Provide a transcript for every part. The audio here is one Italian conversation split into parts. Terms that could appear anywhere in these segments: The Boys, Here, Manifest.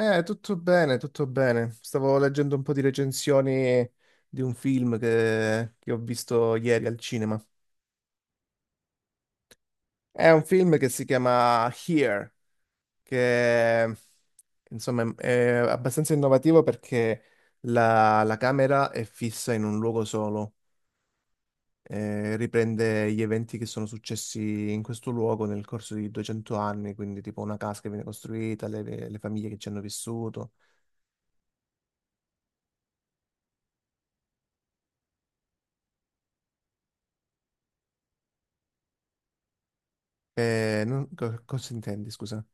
Tutto bene, tutto bene. Stavo leggendo un po' di recensioni di un film che ho visto ieri al cinema. È un film che si chiama Here, che insomma è abbastanza innovativo perché la camera è fissa in un luogo solo, riprende gli eventi che sono successi in questo luogo nel corso di 200 anni, quindi tipo una casa che viene costruita, le famiglie che ci hanno vissuto. Cosa intendi, scusa?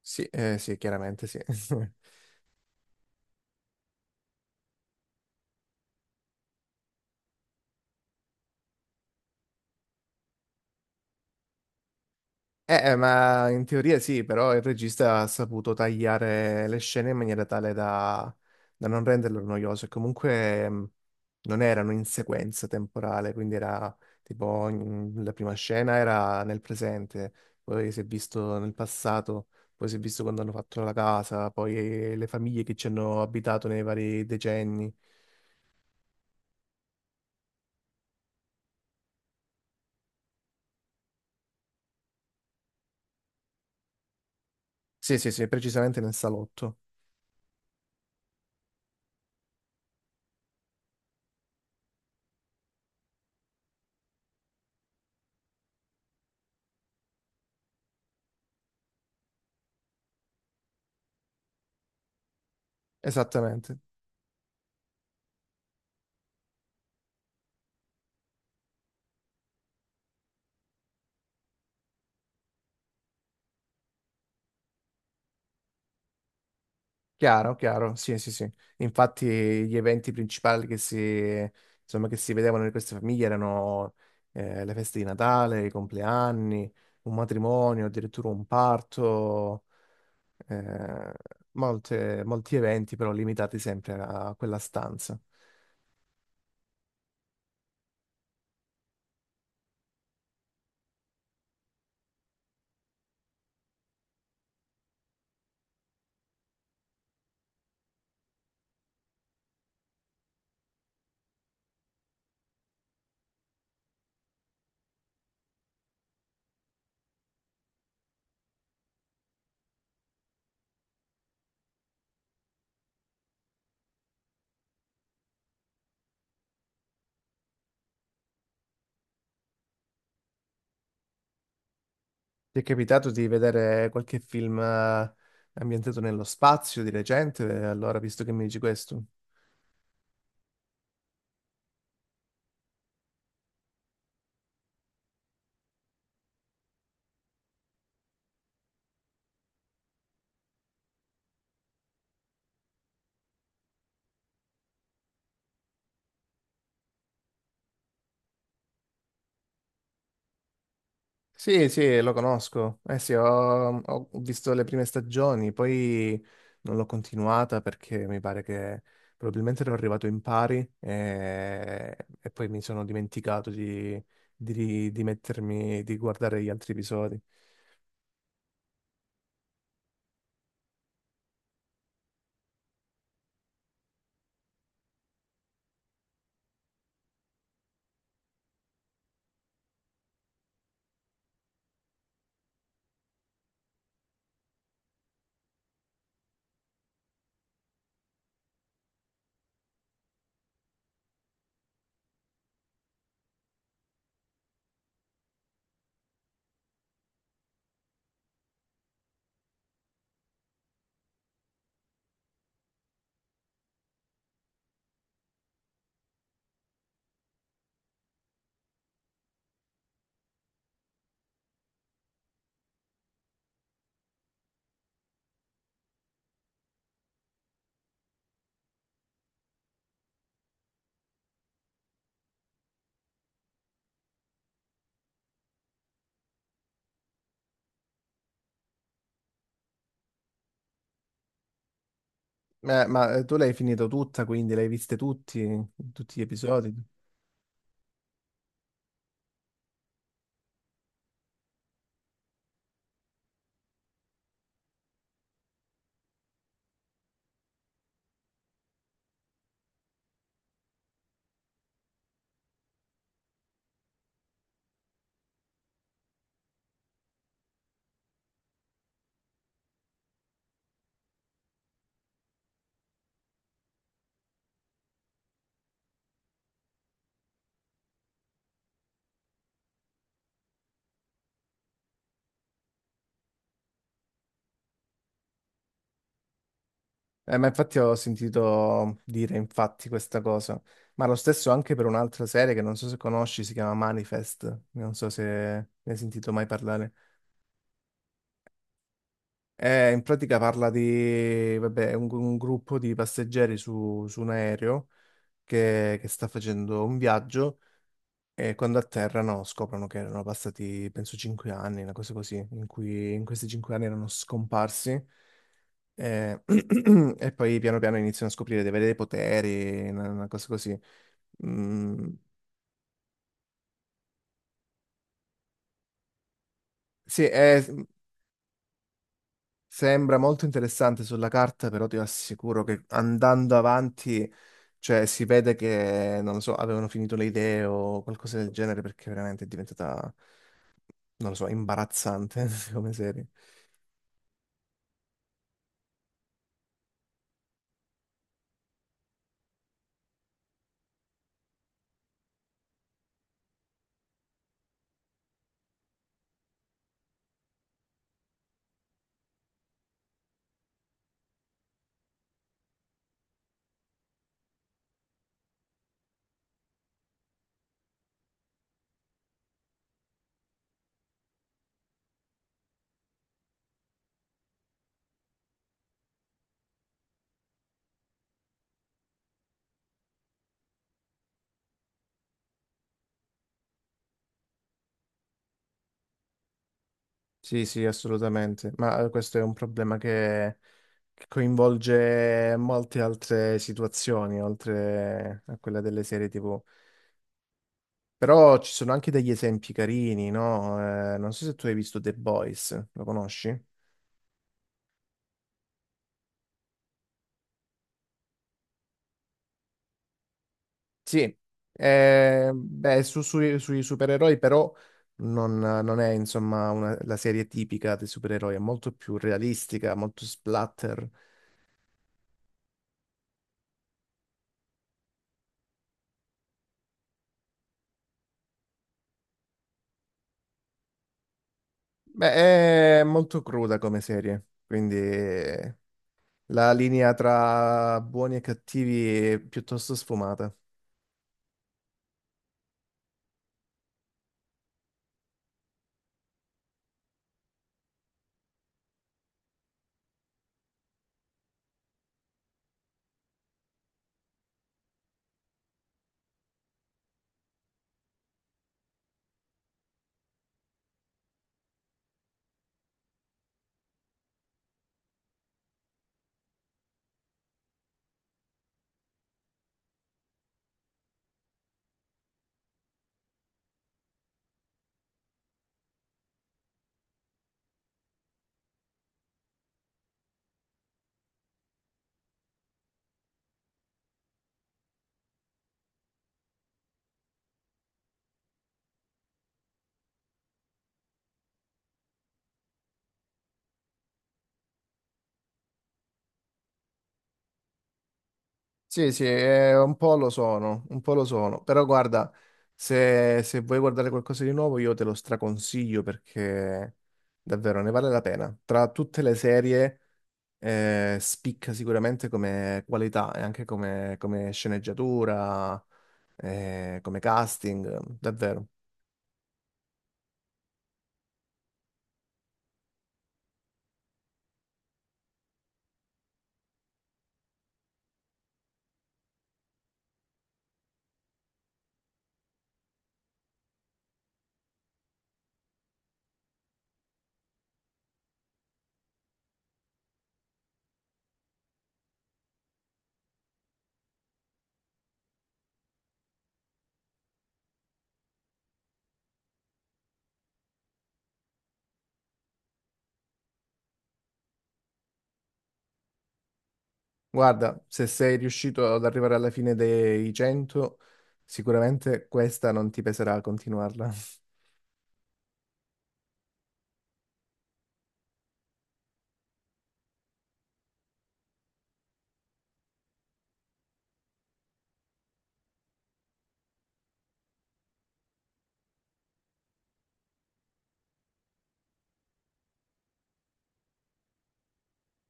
Sì, sì, chiaramente sì. Ma in teoria sì, però il regista ha saputo tagliare le scene in maniera tale da non renderlo noioso. E comunque non erano in sequenza temporale, quindi era tipo la prima scena era nel presente, poi si è visto nel passato, poi si è visto quando hanno fatto la casa, poi le famiglie che ci hanno abitato nei vari decenni. Sì, sì, sì, precisamente nel salotto. Esattamente. Chiaro, chiaro, sì, sì, sì. Infatti gli eventi principali insomma, che si vedevano in queste famiglie erano le feste di Natale, i compleanni, un matrimonio, addirittura un parto, eh, molti eventi però limitati sempre a quella stanza. Ti è capitato di vedere qualche film ambientato nello spazio di recente? Allora, visto che mi dici questo. Sì, sì, lo conosco. Eh sì, ho visto le prime stagioni, poi non l'ho continuata perché mi pare che probabilmente ero arrivato in pari e poi mi sono dimenticato di mettermi, di guardare gli altri episodi. Ma tu l'hai finito tutta, quindi l'hai viste tutti gli episodi? Ma infatti ho sentito dire infatti questa cosa, ma lo stesso anche per un'altra serie che non so se conosci, si chiama Manifest, non so se ne hai sentito mai parlare. In pratica parla di, vabbè, un gruppo di passeggeri su un aereo che sta facendo un viaggio e quando atterrano scoprono che erano passati, penso, 5 anni, una cosa così, in cui in questi 5 anni erano scomparsi. Eh, e poi piano piano iniziano a scoprire di avere dei poteri, una cosa così. Mm, sì, sembra molto interessante sulla carta, però ti assicuro che andando avanti, cioè, si vede che, non lo so, avevano finito le idee o qualcosa del genere, perché veramente è diventata, non lo so, imbarazzante come serie. Sì, sì, assolutamente, ma questo è un problema che coinvolge molte altre situazioni, oltre a quella delle serie TV. Però ci sono anche degli esempi carini, no? Non so se tu hai visto The Boys, lo conosci? Sì, beh, sui supereroi però non è insomma la serie tipica dei supereroi, è molto più realistica, molto splatter. Beh, è molto cruda come serie, quindi. La linea tra buoni e cattivi è piuttosto sfumata. Sì, sì, un po' lo sono, un po' lo sono. Però guarda, se vuoi guardare qualcosa di nuovo, io te lo straconsiglio perché davvero ne vale la pena. Tra tutte le serie, spicca sicuramente come qualità e anche come sceneggiatura, come casting, davvero. Guarda, se sei riuscito ad arrivare alla fine dei 100, sicuramente questa non ti peserà a continuarla.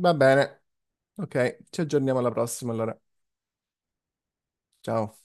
Va bene, ok, ci aggiorniamo alla prossima allora. Ciao.